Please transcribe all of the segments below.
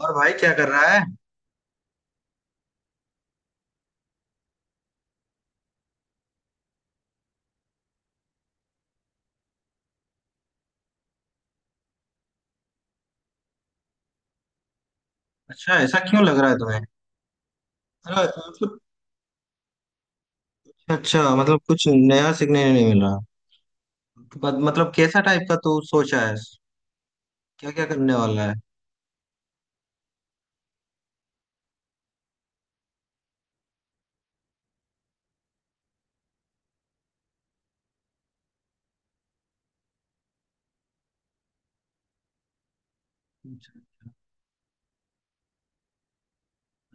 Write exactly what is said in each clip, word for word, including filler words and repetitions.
और भाई क्या कर रहा है। अच्छा ऐसा क्यों लग रहा है तुम्हें? अरे मतलब। अच्छा मतलब कुछ नया सीखने नहीं मिल रहा। मत- मतलब कैसा टाइप का तू सोचा है? क्या क्या करने वाला है? अच्छा।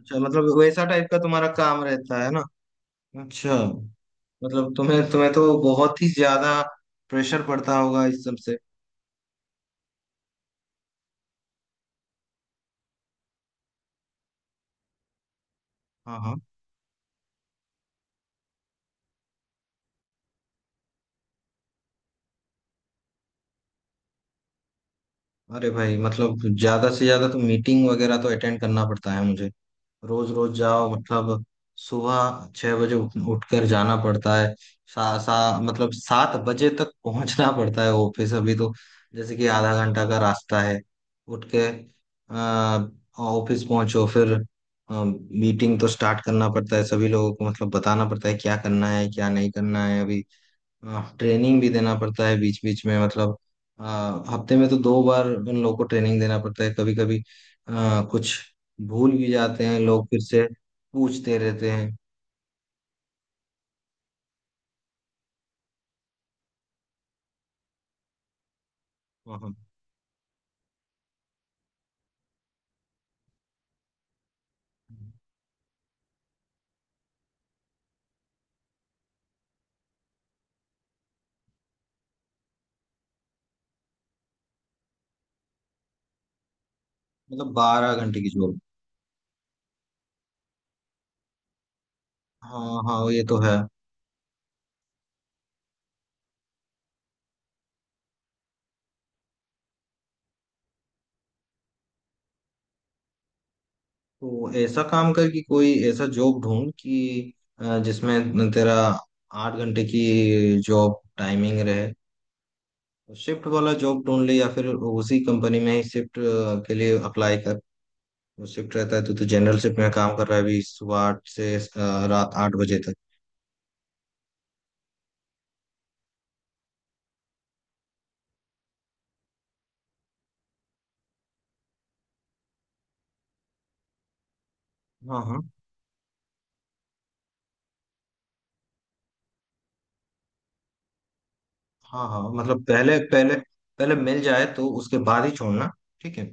अच्छा, मतलब वैसा टाइप का तुम्हारा काम रहता है ना। अच्छा। मतलब तुम्हें तुम्हें तो बहुत ही ज्यादा प्रेशर पड़ता होगा इस सब से। हाँ हाँ। अरे भाई मतलब ज्यादा से ज्यादा तो मीटिंग वगैरह तो अटेंड करना पड़ता है मुझे। रोज रोज जाओ मतलब सुबह छह बजे उठ, उठकर जाना पड़ता है। सा, सा, मतलब सात बजे तक पहुंचना पड़ता है ऑफिस अभी तो। जैसे कि आधा घंटा का रास्ता है। उठ के अ, ऑफिस पहुंचो। फिर अ, मीटिंग तो स्टार्ट करना पड़ता है, सभी लोगों को मतलब बताना पड़ता है क्या करना है क्या नहीं करना है अभी। ट्रेनिंग भी देना पड़ता है बीच बीच में मतलब। आ, हफ्ते में तो दो बार उन लोगों को ट्रेनिंग देना पड़ता है कभी कभी। आ, कुछ भूल भी जाते हैं लोग, फिर से पूछते रहते हैं वहाँ। मतलब बारह घंटे की जॉब। हाँ हाँ, ये तो है। तो ऐसा काम कर कि कोई ऐसा जॉब ढूंढ कि आ, जिसमें तेरा आठ घंटे की जॉब टाइमिंग रहे। शिफ्ट वाला जॉब ढूंढ ले या फिर उसी कंपनी में ही शिफ्ट के लिए अप्लाई कर। वो शिफ्ट रहता है तो। तू जनरल शिफ्ट में काम कर रहा है अभी, सुबह आठ से अ, रात आठ बजे तक। हाँ हाँ। हाँ हाँ, मतलब पहले पहले पहले मिल जाए तो उसके बाद ही छोड़ना, ठीक है।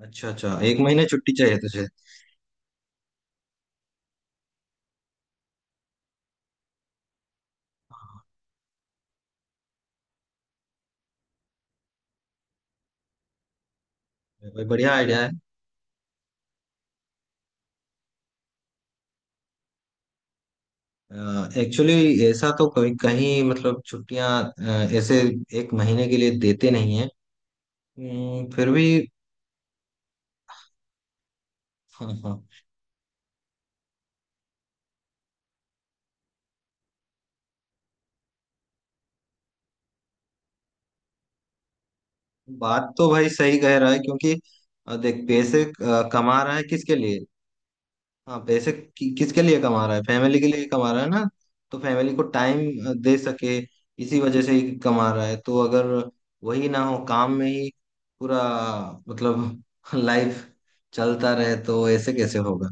अच्छा अच्छा, एक महीने छुट्टी चाहिए तुझे। भाई बढ़िया आइडिया है। एक्चुअली ऐसा तो कहीं कहीं मतलब छुट्टियां अ, ऐसे एक महीने के लिए देते नहीं है। हम्म, फिर भी। हाँ हाँ। बात तो भाई सही कह रहा है, क्योंकि अ, देख, पैसे अ, कमा रहा है किसके लिए? हाँ, पैसे कि, किसके लिए कमा रहा है? फैमिली के लिए कमा रहा है ना। तो फैमिली को टाइम दे सके इसी वजह से ही कमा रहा है। तो अगर वही ना हो, काम में ही पूरा मतलब लाइफ चलता रहे, तो ऐसे कैसे होगा?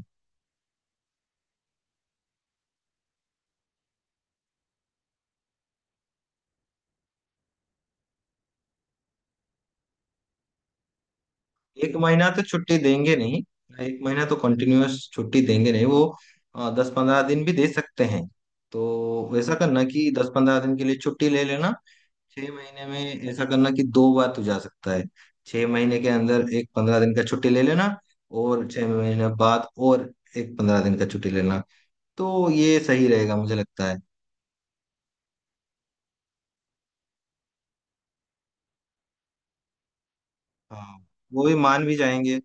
एक महीना तो छुट्टी देंगे नहीं। एक महीना तो कंटिन्यूअस छुट्टी देंगे नहीं वो। आ, दस पंद्रह दिन भी दे सकते हैं। तो वैसा करना कि दस पंद्रह दिन के लिए छुट्टी ले लेना। छह महीने में ऐसा करना कि दो बार तू जा सकता है। छह महीने के अंदर एक पंद्रह दिन का छुट्टी ले लेना, और छह महीने बाद और एक पंद्रह दिन का छुट्टी लेना। तो ये सही रहेगा मुझे लगता है। हाँ, वो भी मान भी जाएंगे।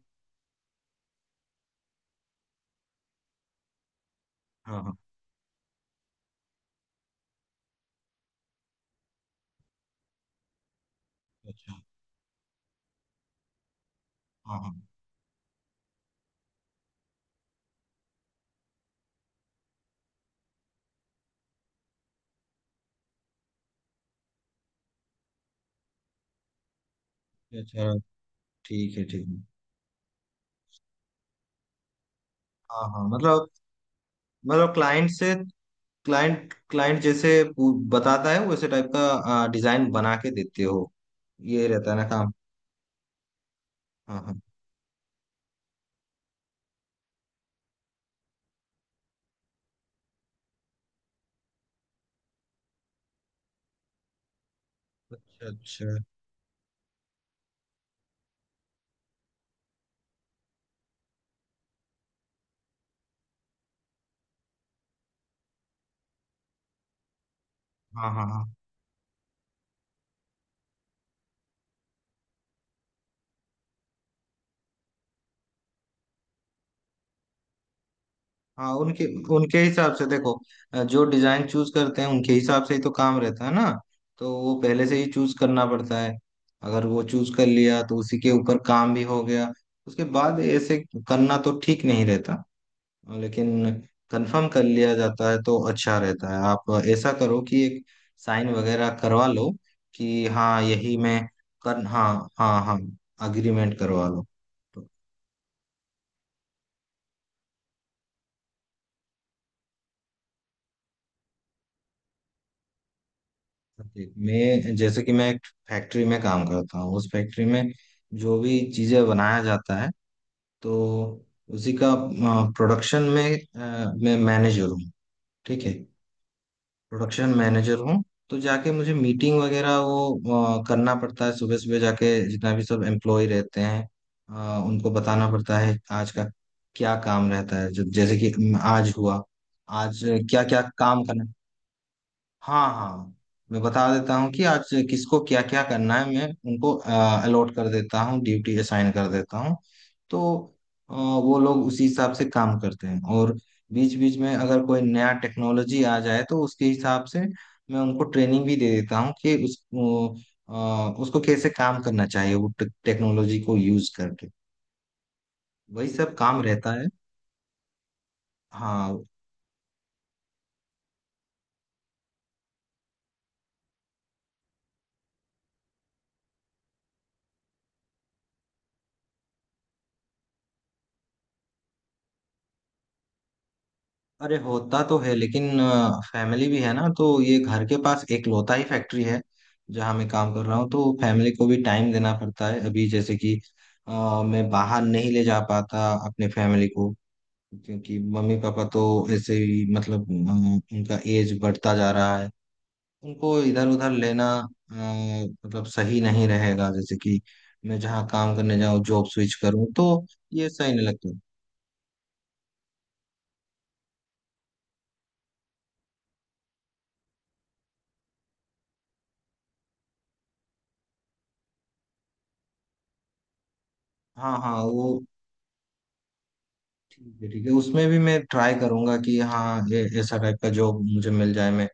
हाँ हाँ। अच्छा। हाँ हाँ। अच्छा, ठीक है ठीक है। हाँ हाँ मतलब। मतलब क्लाइंट से, क्लाइंट क्लाइंट जैसे पू- बताता है वैसे टाइप का डिजाइन बना के देते हो? ये रहता है ना काम। हाँ हाँ। अच्छा अच्छा। हाँ हाँ। हाँ हाँ। उनके उनके हिसाब से देखो, अ, जो डिजाइन चूज करते हैं उनके हिसाब से ही तो काम रहता है ना। तो वो पहले से ही चूज करना पड़ता है। अगर वो चूज कर लिया तो उसी के ऊपर काम भी हो गया, उसके बाद ऐसे करना तो ठीक नहीं रहता। लेकिन कंफर्म कर लिया जाता है तो अच्छा रहता है। आप ऐसा करो कि एक साइन वगैरह करवा लो कि हाँ यही मैं कर, हाँ। हाँ हाँ, अग्रीमेंट करवा लो। तो जी, मैं जैसे कि मैं एक फैक्ट्री में काम करता हूँ। उस फैक्ट्री में जो भी चीज़ें बनाया जाता है, तो उसी का प्रोडक्शन में अ, मैं मैनेजर हूँ, ठीक है। प्रोडक्शन मैनेजर हूँ। तो जाके मुझे मीटिंग वगैरह वो अ, करना पड़ता है। सुबह सुबह जाके जितना भी सब एम्प्लॉय रहते हैं, अ, उनको बताना पड़ता है आज का क्या काम रहता है, जो- जैसे कि अम, आज हुआ आज क्या क्या काम करना। हाँ हाँ। मैं बता देता हूँ कि आज किसको क्या क्या करना है। मैं उनको अलॉट कर देता हूँ, ड्यूटी असाइन कर देता हूँ। तो अ, वो लोग उसी हिसाब से काम करते हैं। और बीच बीच में अगर कोई नया टेक्नोलॉजी आ जाए, तो उसके हिसाब से मैं उनको ट्रेनिंग भी दे देता हूँ कि उस वो, अ, उसको कैसे काम करना चाहिए वो टेक्नोलॉजी को यूज करके। वही सब काम रहता है। हाँ। अरे होता तो है, लेकिन फैमिली भी है ना। तो ये घर के पास इकलौता ही फैक्ट्री है जहाँ मैं काम कर रहा हूँ, तो फैमिली को भी टाइम देना पड़ता है। अभी जैसे कि अ, मैं बाहर नहीं ले जा पाता अपने फैमिली को, क्योंकि मम्मी पापा तो ऐसे ही मतलब अ, उनका एज बढ़ता जा रहा है। उनको इधर उधर लेना अ, मतलब सही नहीं रहेगा। जैसे कि मैं जहाँ काम करने जाऊँ, जॉब स्विच करूँ, तो ये सही नहीं लगता। हाँ हाँ, वो ठीक है ठीक है। उसमें भी मैं ट्राई करूंगा कि हाँ ये ऐसा टाइप का जॉब मुझे मिल जाए, मैं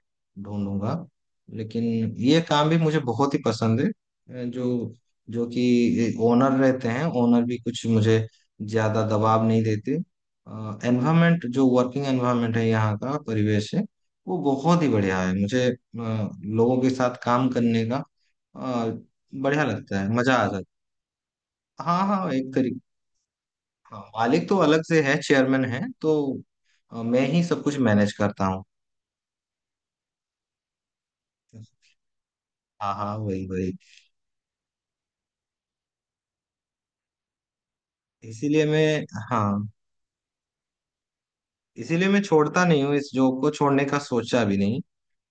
ढूंढूंगा। लेकिन ये काम भी मुझे बहुत ही पसंद है। जो जो कि ओनर रहते हैं, ओनर भी कुछ मुझे ज्यादा दबाव नहीं देते। एनवायरनमेंट, जो वर्किंग एनवायरनमेंट है, यहाँ का परिवेश है, वो बहुत ही बढ़िया है। मुझे अ, लोगों के साथ काम करने का अ, बढ़िया लगता है, मजा आ जाता है। हाँ हाँ, एक तरीके। हाँ, मालिक तो अलग से है, चेयरमैन है। तो अ, मैं ही सब कुछ मैनेज करता हूँ। हाँ हाँ, वही वही। इसीलिए मैं। हाँ, इसीलिए मैं छोड़ता नहीं हूँ। इस जॉब को छोड़ने का सोचा भी नहीं।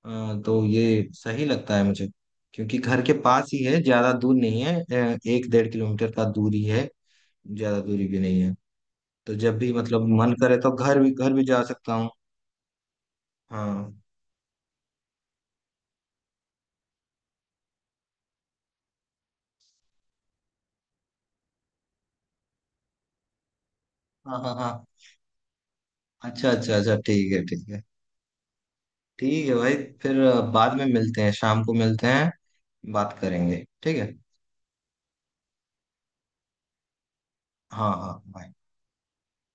अ, तो ये सही लगता है मुझे, क्योंकि घर के पास ही है, ज्यादा दूर नहीं है। अ, एक डेढ़ किलोमीटर का दूरी है, ज्यादा दूरी भी नहीं है। तो जब भी मतलब मन करे तो घर भी घर भी जा सकता हूँ। हाँ हाँ। हाँ हाँ। अच्छा अच्छा अच्छा, ठीक है ठीक है। ठीक है भाई। फिर अ, बाद में मिलते हैं, शाम को मिलते हैं, बात करेंगे, ठीक है। हाँ हाँ bye।